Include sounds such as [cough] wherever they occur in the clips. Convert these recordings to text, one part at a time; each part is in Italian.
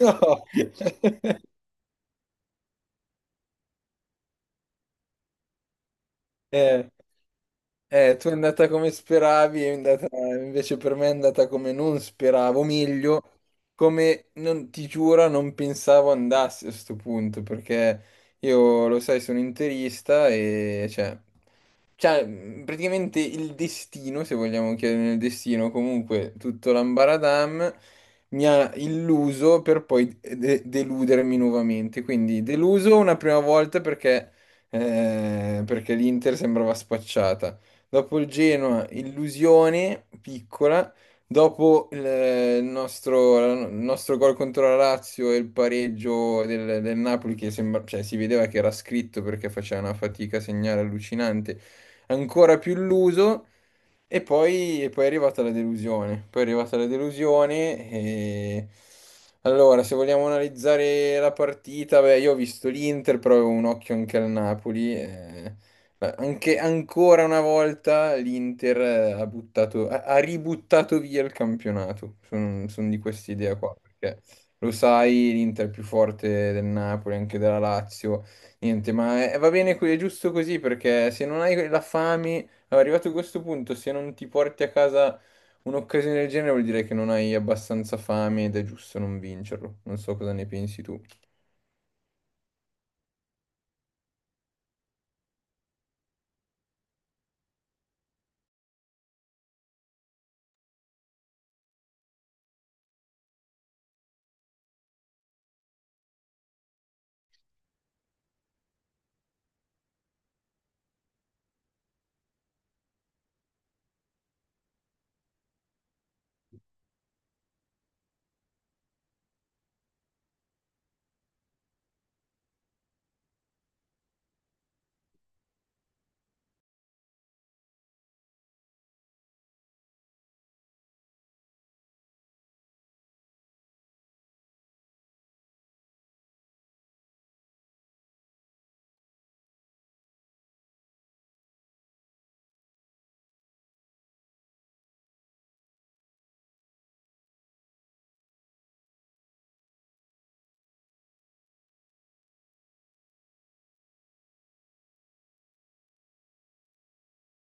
No. [laughs] Eh. Tu è andata come speravi, è andata, invece per me è andata come non speravo, meglio, come non, ti giuro, non pensavo andasse a sto punto, perché io, lo sai, sono interista e, cioè, praticamente il destino, se vogliamo chiedere nel destino, comunque tutto l'ambaradam mi ha illuso per poi deludermi nuovamente. Quindi deluso una prima volta perché, perché l'Inter sembrava spacciata dopo il Genoa, illusione piccola, dopo il nostro gol contro la Lazio e il pareggio del Napoli che sembra, cioè, si vedeva che era scritto perché faceva una fatica a segnare allucinante, ancora più illuso. E poi è arrivata la delusione. Poi è arrivata la delusione. Allora, se vogliamo analizzare la partita, beh, io ho visto l'Inter, però avevo un occhio anche al Napoli, Ma anche ancora una volta l'Inter ha buttato, ha ributtato via il campionato. Sono di quest'idea qua, perché lo sai, l'Inter è più forte del Napoli, anche della Lazio. Niente, ma va bene, è giusto così, perché se non hai la fame, arrivato a questo punto, se non ti porti a casa un'occasione del genere, vuol dire che non hai abbastanza fame ed è giusto non vincerlo. Non so cosa ne pensi tu.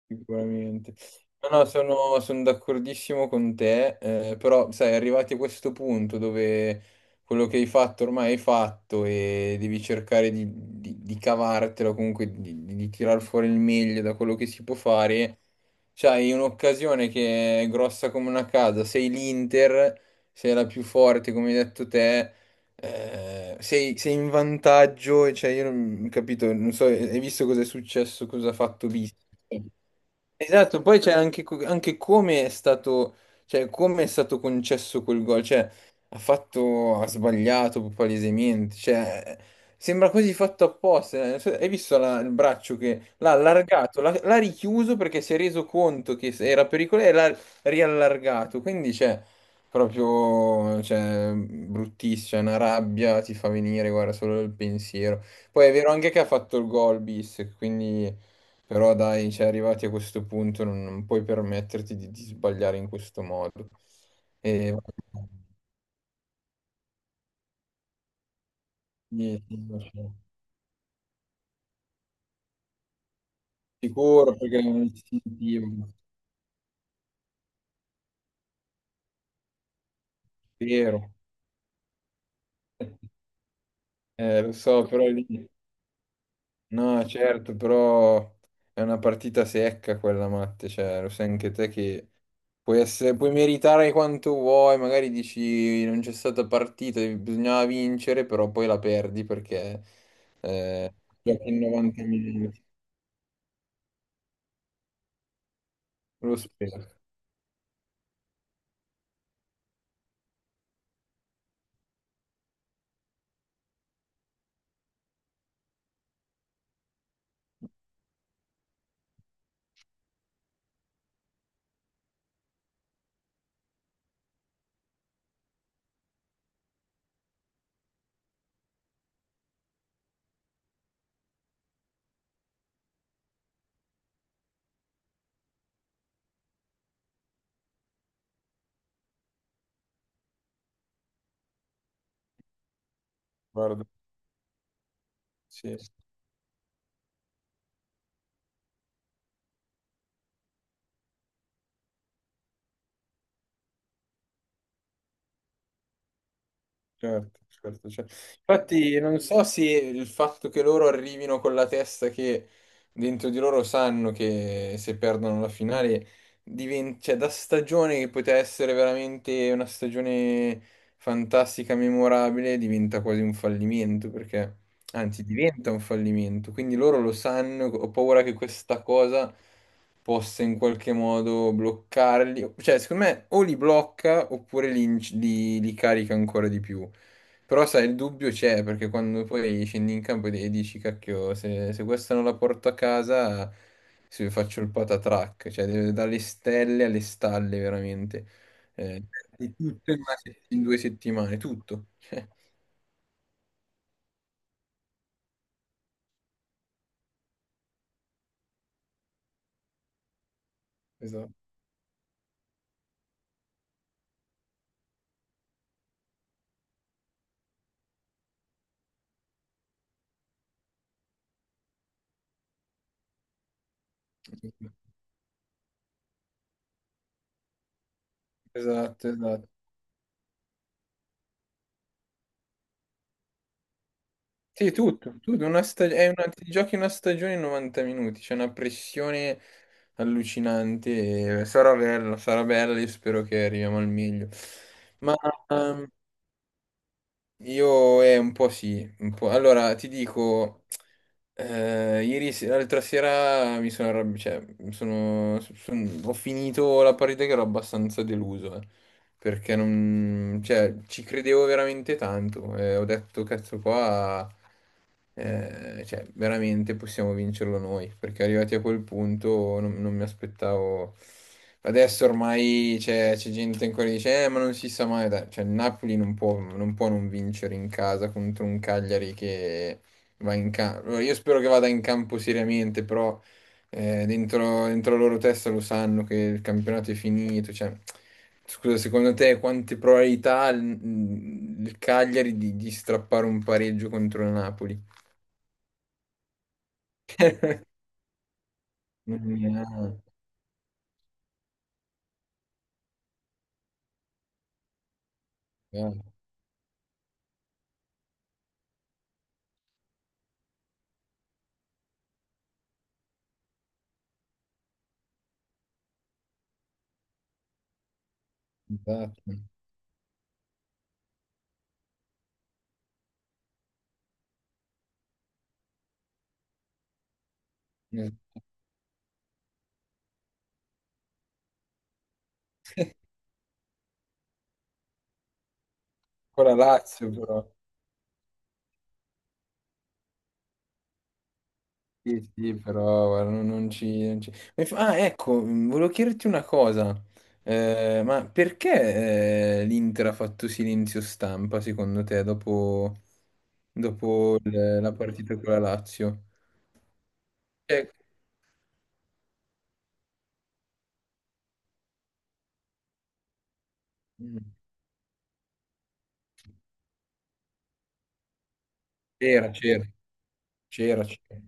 Sicuramente. No, no, sono, sono d'accordissimo con te, però sai, arrivati a questo punto dove quello che hai fatto ormai hai fatto e devi cercare di cavartelo, comunque di tirar fuori il meglio da quello che si può fare, c'hai un'occasione che è grossa come una casa, sei l'Inter, sei la più forte come hai detto te, sei in vantaggio, e, cioè io non capito, non so, hai visto cosa è successo, cosa ha fatto Bis? Esatto, poi c'è anche, anche come è stato, cioè, come è stato concesso quel gol, cioè, ha fatto, ha sbagliato palesemente, cioè, sembra quasi fatto apposta, non so- hai visto il braccio che l'ha allargato, l'ha richiuso perché si è reso conto che era pericoloso e l'ha riallargato, quindi c'è proprio, cioè, bruttissima, una rabbia ti fa venire, guarda, solo il pensiero. Poi è vero anche che ha fatto il gol bis, quindi... Però dai, cioè, arrivati a questo punto non, non puoi permetterti di sbagliare in questo modo. E, niente, non so. Sicuro perché non è istintivo, vero, eh, lo so, però lì... No, certo, però è una partita secca quella, Matte, cioè, lo sai anche te che puoi, essere, puoi meritare quanto vuoi, magari dici non c'è stata partita, bisognava vincere, però poi la perdi perché eh, giochi in 90 minuti, lo spero. Guarda, sì, certo, certo, certo. Infatti non so se il fatto che loro arrivino con la testa che dentro di loro sanno che se perdono la finale, cioè, da stagione che poteva essere veramente una stagione fantastica, memorabile, diventa quasi un fallimento perché anzi, diventa un fallimento, quindi loro lo sanno, ho paura che questa cosa possa in qualche modo bloccarli, cioè secondo me o li blocca oppure li carica ancora di più, però sai, il dubbio c'è perché quando poi scendi in campo e dici cacchio, se questa non la porto a casa se faccio il patatrack, cioè dalle stelle alle stalle veramente, eh, di tutto in, una se- in due settimane, tutto. [laughs] Esatto. Esatto, esatto. Sì, tutto, tutto, una stag- è una- ti giochi una stagione in 90 minuti, c'è una pressione allucinante, e sarà bella, io spero che arriviamo al meglio. Ma ehm, Io un po' sì, un po'. Allora ti dico, ieri l'altra sera mi sono arrabbiato, cioè mi sono, ho finito la partita che ero abbastanza deluso, perché non, cioè, ci credevo veramente tanto, ho detto cazzo qua. Cioè, veramente possiamo vincerlo noi, perché arrivati a quel punto non, non mi aspettavo. Adesso ormai c'è gente che ancora che dice, ma non si sa mai, dai, cioè, il Napoli non può, non può non vincere in casa contro un Cagliari che va in campo. Io spero che vada in campo seriamente, però dentro, dentro la loro testa lo sanno che il campionato è finito, cioè... Scusa, secondo te quante probabilità ha il Cagliari di strappare un pareggio contro il Napoli? Eh, eh, esatto. Ancora Lazio però. Sì, sì, però guarda, non, Ah, ecco, volevo chiederti una cosa. Ma perché l'Inter ha fatto silenzio stampa, secondo te, dopo, dopo la partita con la Lazio? Eh, mh, C'era, c'era.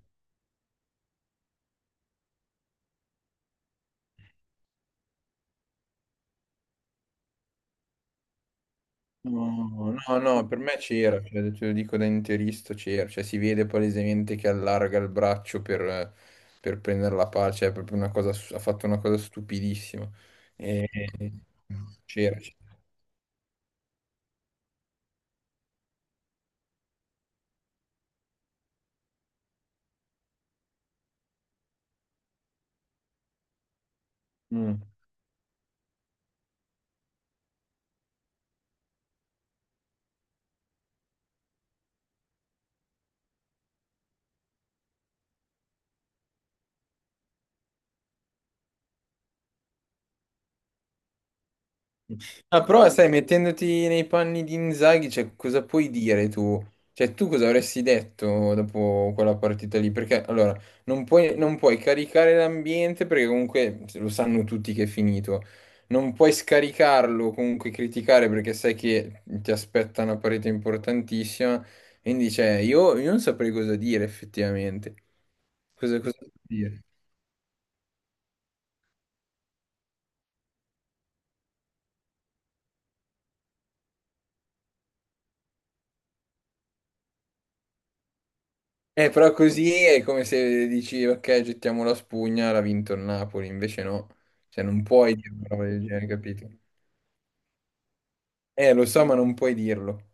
No, no, no, per me c'era, cioè, te lo dico da interista, c'era, cioè si vede palesemente che allarga il braccio per prendere la palla, cioè è proprio una cosa, ha fatto una cosa stupidissima. E- C'era, c'era. Mm. Ah, però sai, mettendoti nei panni di Inzaghi, cioè, cosa puoi dire tu? Cioè, tu cosa avresti detto dopo quella partita lì? Perché, allora, non puoi, non puoi caricare l'ambiente perché comunque lo sanno tutti che è finito. Non puoi scaricarlo, comunque criticare perché sai che ti aspetta una parete importantissima. Quindi, cioè, io non saprei cosa dire effettivamente. Cosa, cosa dire? Però così è come se dici, ok, gettiamo la spugna, l'ha vinto il Napoli, invece no. Cioè, non puoi dire una roba del genere, capito? Lo so, ma non puoi dirlo.